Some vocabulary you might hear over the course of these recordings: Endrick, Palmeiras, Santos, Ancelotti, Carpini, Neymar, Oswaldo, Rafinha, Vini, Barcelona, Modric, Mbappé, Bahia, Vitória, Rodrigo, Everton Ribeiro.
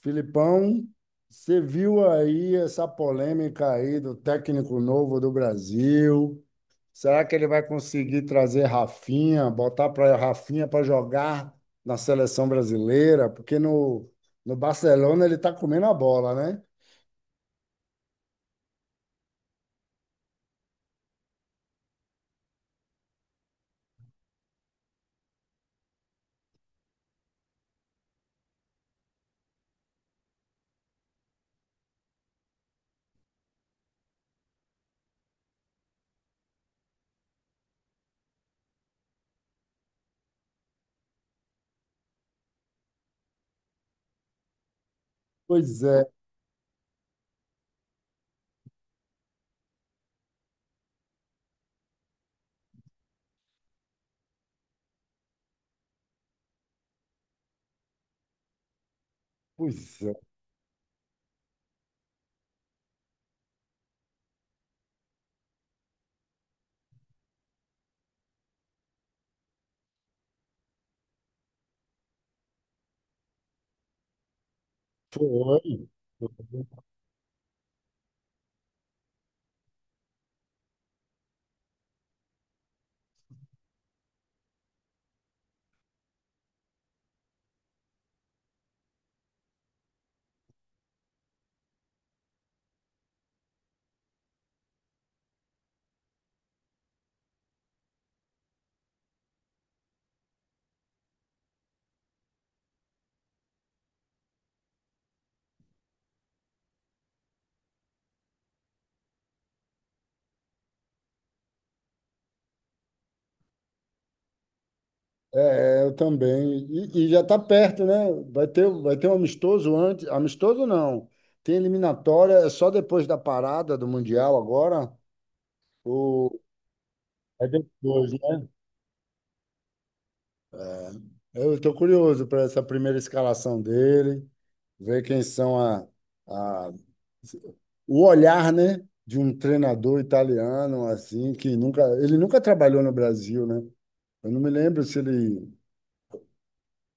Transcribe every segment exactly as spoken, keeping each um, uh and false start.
Filipão, você viu aí essa polêmica aí do técnico novo do Brasil? Será que ele vai conseguir trazer Rafinha, botar para Rafinha para jogar na seleção brasileira? Porque no, no Barcelona ele está comendo a bola, né? Pois é, pois é. Foi. É, é, eu também. E, e já está perto, né? Vai ter, vai ter um amistoso antes. Amistoso não. Tem eliminatória, é só depois da parada do Mundial agora. O, É depois, né? Eu estou curioso para essa primeira escalação dele, ver quem são a, a, o olhar, né, de um treinador italiano assim que nunca, ele nunca trabalhou no Brasil, né? Eu não me lembro se ele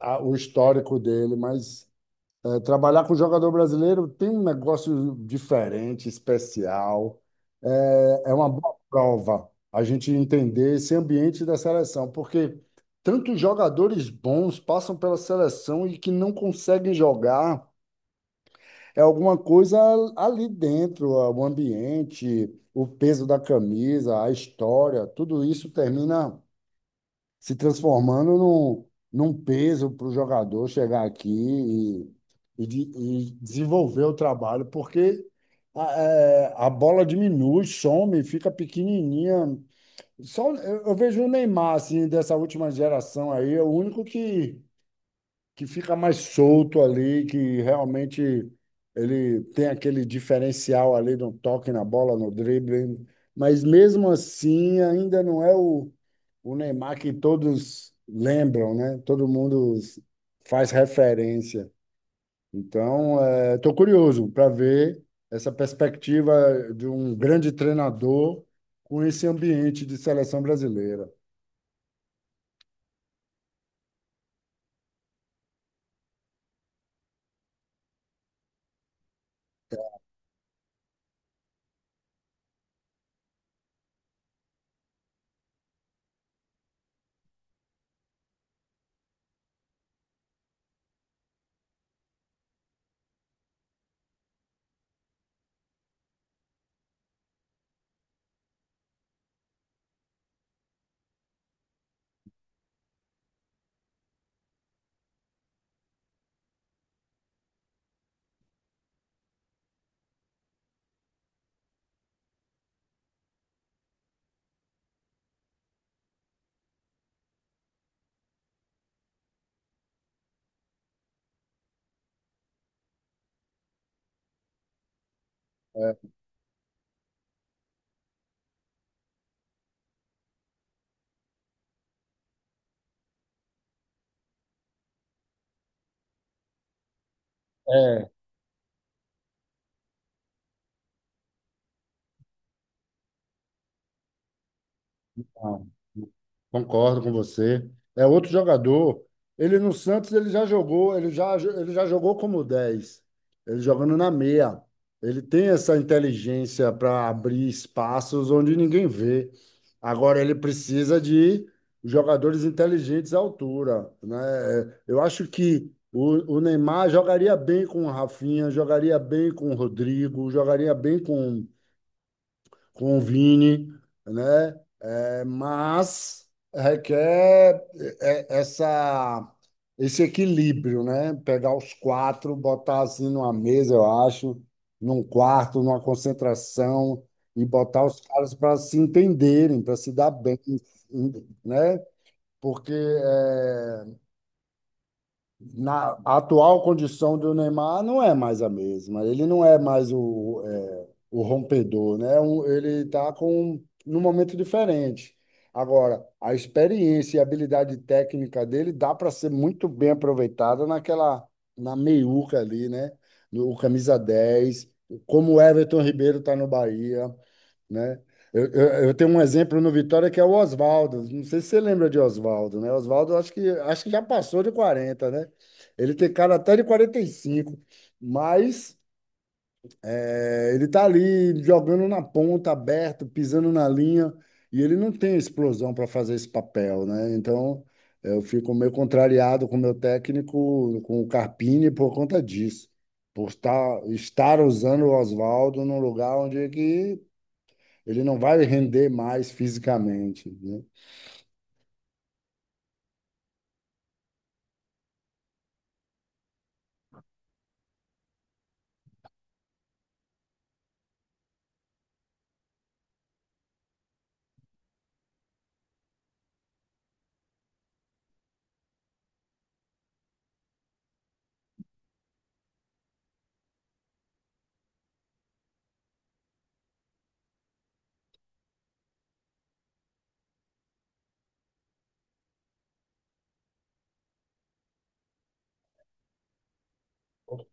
a- o histórico dele, mas é, trabalhar com jogador brasileiro tem um negócio diferente, especial. É, é uma boa prova a gente entender esse ambiente da seleção, porque tantos jogadores bons passam pela seleção e que não conseguem jogar. É alguma coisa ali dentro, é o ambiente, o peso da camisa, a história, tudo isso termina se transformando num, num, peso para o jogador chegar aqui e, e, de- e desenvolver o trabalho, porque a, é, a bola diminui, some, fica pequenininha. Só, eu, eu vejo o Neymar, assim, dessa última geração aí, é o único que que fica mais solto ali, que realmente ele tem aquele diferencial ali no toque na bola, no drible, mas mesmo assim ainda não é o, o Neymar que todos lembram, né? Todo mundo faz referência. Então, estou curioso para ver essa perspectiva de um grande treinador com esse ambiente de seleção brasileira. É, é, ah. Concordo com você. É outro jogador. Ele no Santos ele já jogou, ele já, ele já jogou como dez. Ele jogando na meia. Ele tem essa inteligência para abrir espaços onde ninguém vê. Agora ele precisa de jogadores inteligentes à altura, né? Eu acho que o, o Neymar jogaria bem com o Rafinha, jogaria bem com o Rodrigo, jogaria bem com com o Vini, né? É, mas requer é, é, essa, esse equilíbrio, né? Pegar os quatro, botar assim numa mesa, eu acho, num quarto, numa concentração, e botar os caras para se entenderem, para se dar bem, né? Porque é, na atual condição do Neymar não é mais a mesma. Ele não é mais o, é, o rompedor, né? Um- Ele está com um, num momento diferente. Agora, a experiência e a habilidade técnica dele dá para ser muito bem aproveitada naquela na meiuca ali, né? No o camisa dez como o Everton Ribeiro está no Bahia, né? Eu, eu, eu tenho um exemplo no Vitória que é o Oswaldo. Não sei se você lembra de Oswaldo, né? Oswaldo acho que, acho que já passou de quarenta, né? Ele tem cara até de quarenta e cinco, mas é, ele tá ali jogando na ponta, aberto, pisando na linha, e ele não tem explosão para fazer esse papel, né? Então eu fico meio contrariado com o meu técnico, com o Carpini, por conta disso. Por estar, estar usando o Oswaldo num lugar onde é que ele não vai render mais fisicamente, né?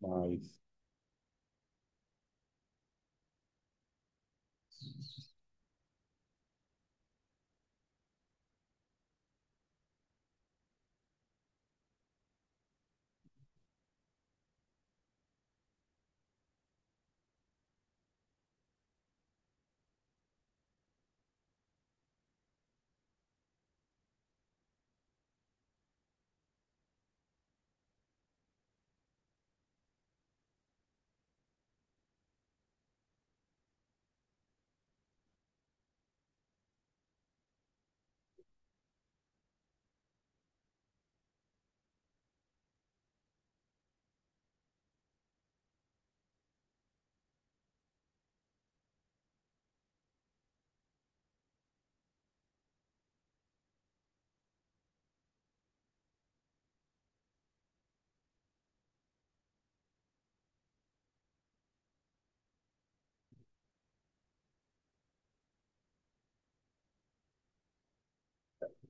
Mas,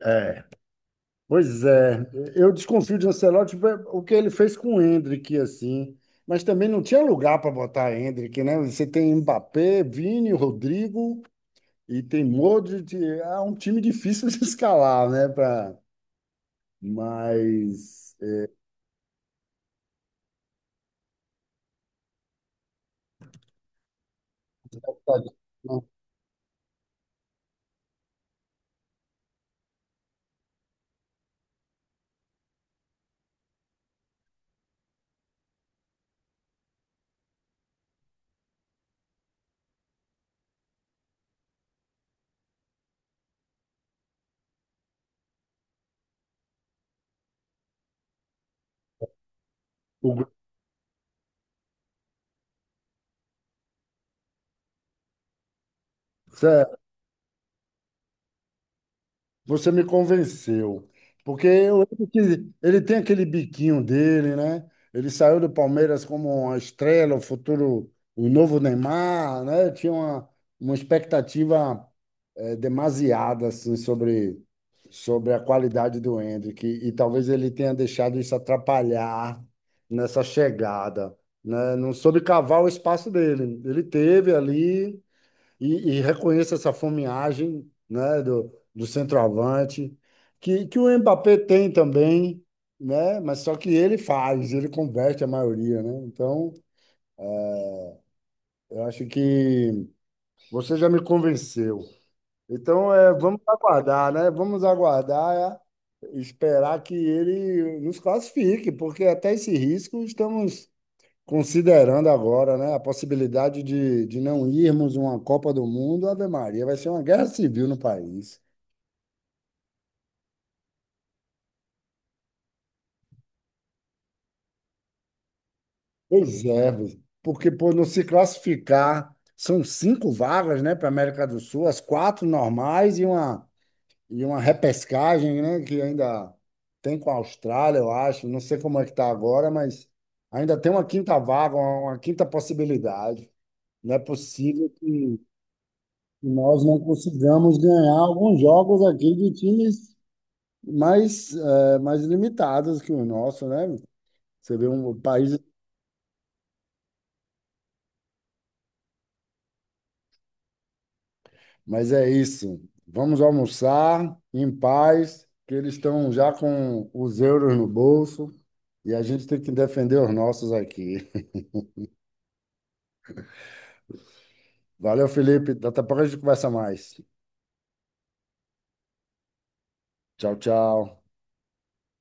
é, pois é. Eu desconfio de Ancelotti tipo, é, o que ele fez com o Endrick, assim. Mas também não tinha lugar para botar Endrick, né? Você tem Mbappé, Vini, Rodrigo e tem Modric. É um time difícil de escalar, né? Pra... Mas... é, O... Você me convenceu. Porque eu lembro que ele tem aquele biquinho dele, né? Ele saiu do Palmeiras como uma estrela, o futuro, o novo Neymar, né? Tinha uma, uma expectativa, eh, demasiada assim, sobre, sobre a qualidade do Endrick. E talvez ele tenha deixado isso atrapalhar nessa chegada, né? Não soube cavar o espaço dele. Ele teve ali e, e reconheça essa fomeagem, né, do, do centroavante, que, que o Mbappé tem também, né, mas só que ele faz, ele converte a maioria, né? Então, eu acho que você já me convenceu. Então, é, vamos aguardar, né? Vamos aguardar, é, esperar que ele nos classifique, porque até esse risco estamos considerando agora, né, a possibilidade de, de não irmos uma Copa do Mundo. Ave Maria, vai ser uma guerra civil no país. Pois é, Bruno. Porque por não se classificar, são cinco vagas, né, para a América do Sul, as quatro normais e uma, e uma, repescagem, né, que ainda tem com a Austrália, eu acho. Não sei como é que está agora, mas ainda tem uma quinta vaga, uma, uma quinta possibilidade. Não é possível que nós não consigamos ganhar alguns jogos aqui de times mais, eh, mais limitados que o nosso, né? Você vê um país. Mas é isso. Vamos almoçar em paz, que eles estão já com os euros no bolso e a gente tem que defender os nossos aqui. Valeu, Felipe. Daqui a pouco a gente conversa mais. Tchau, tchau.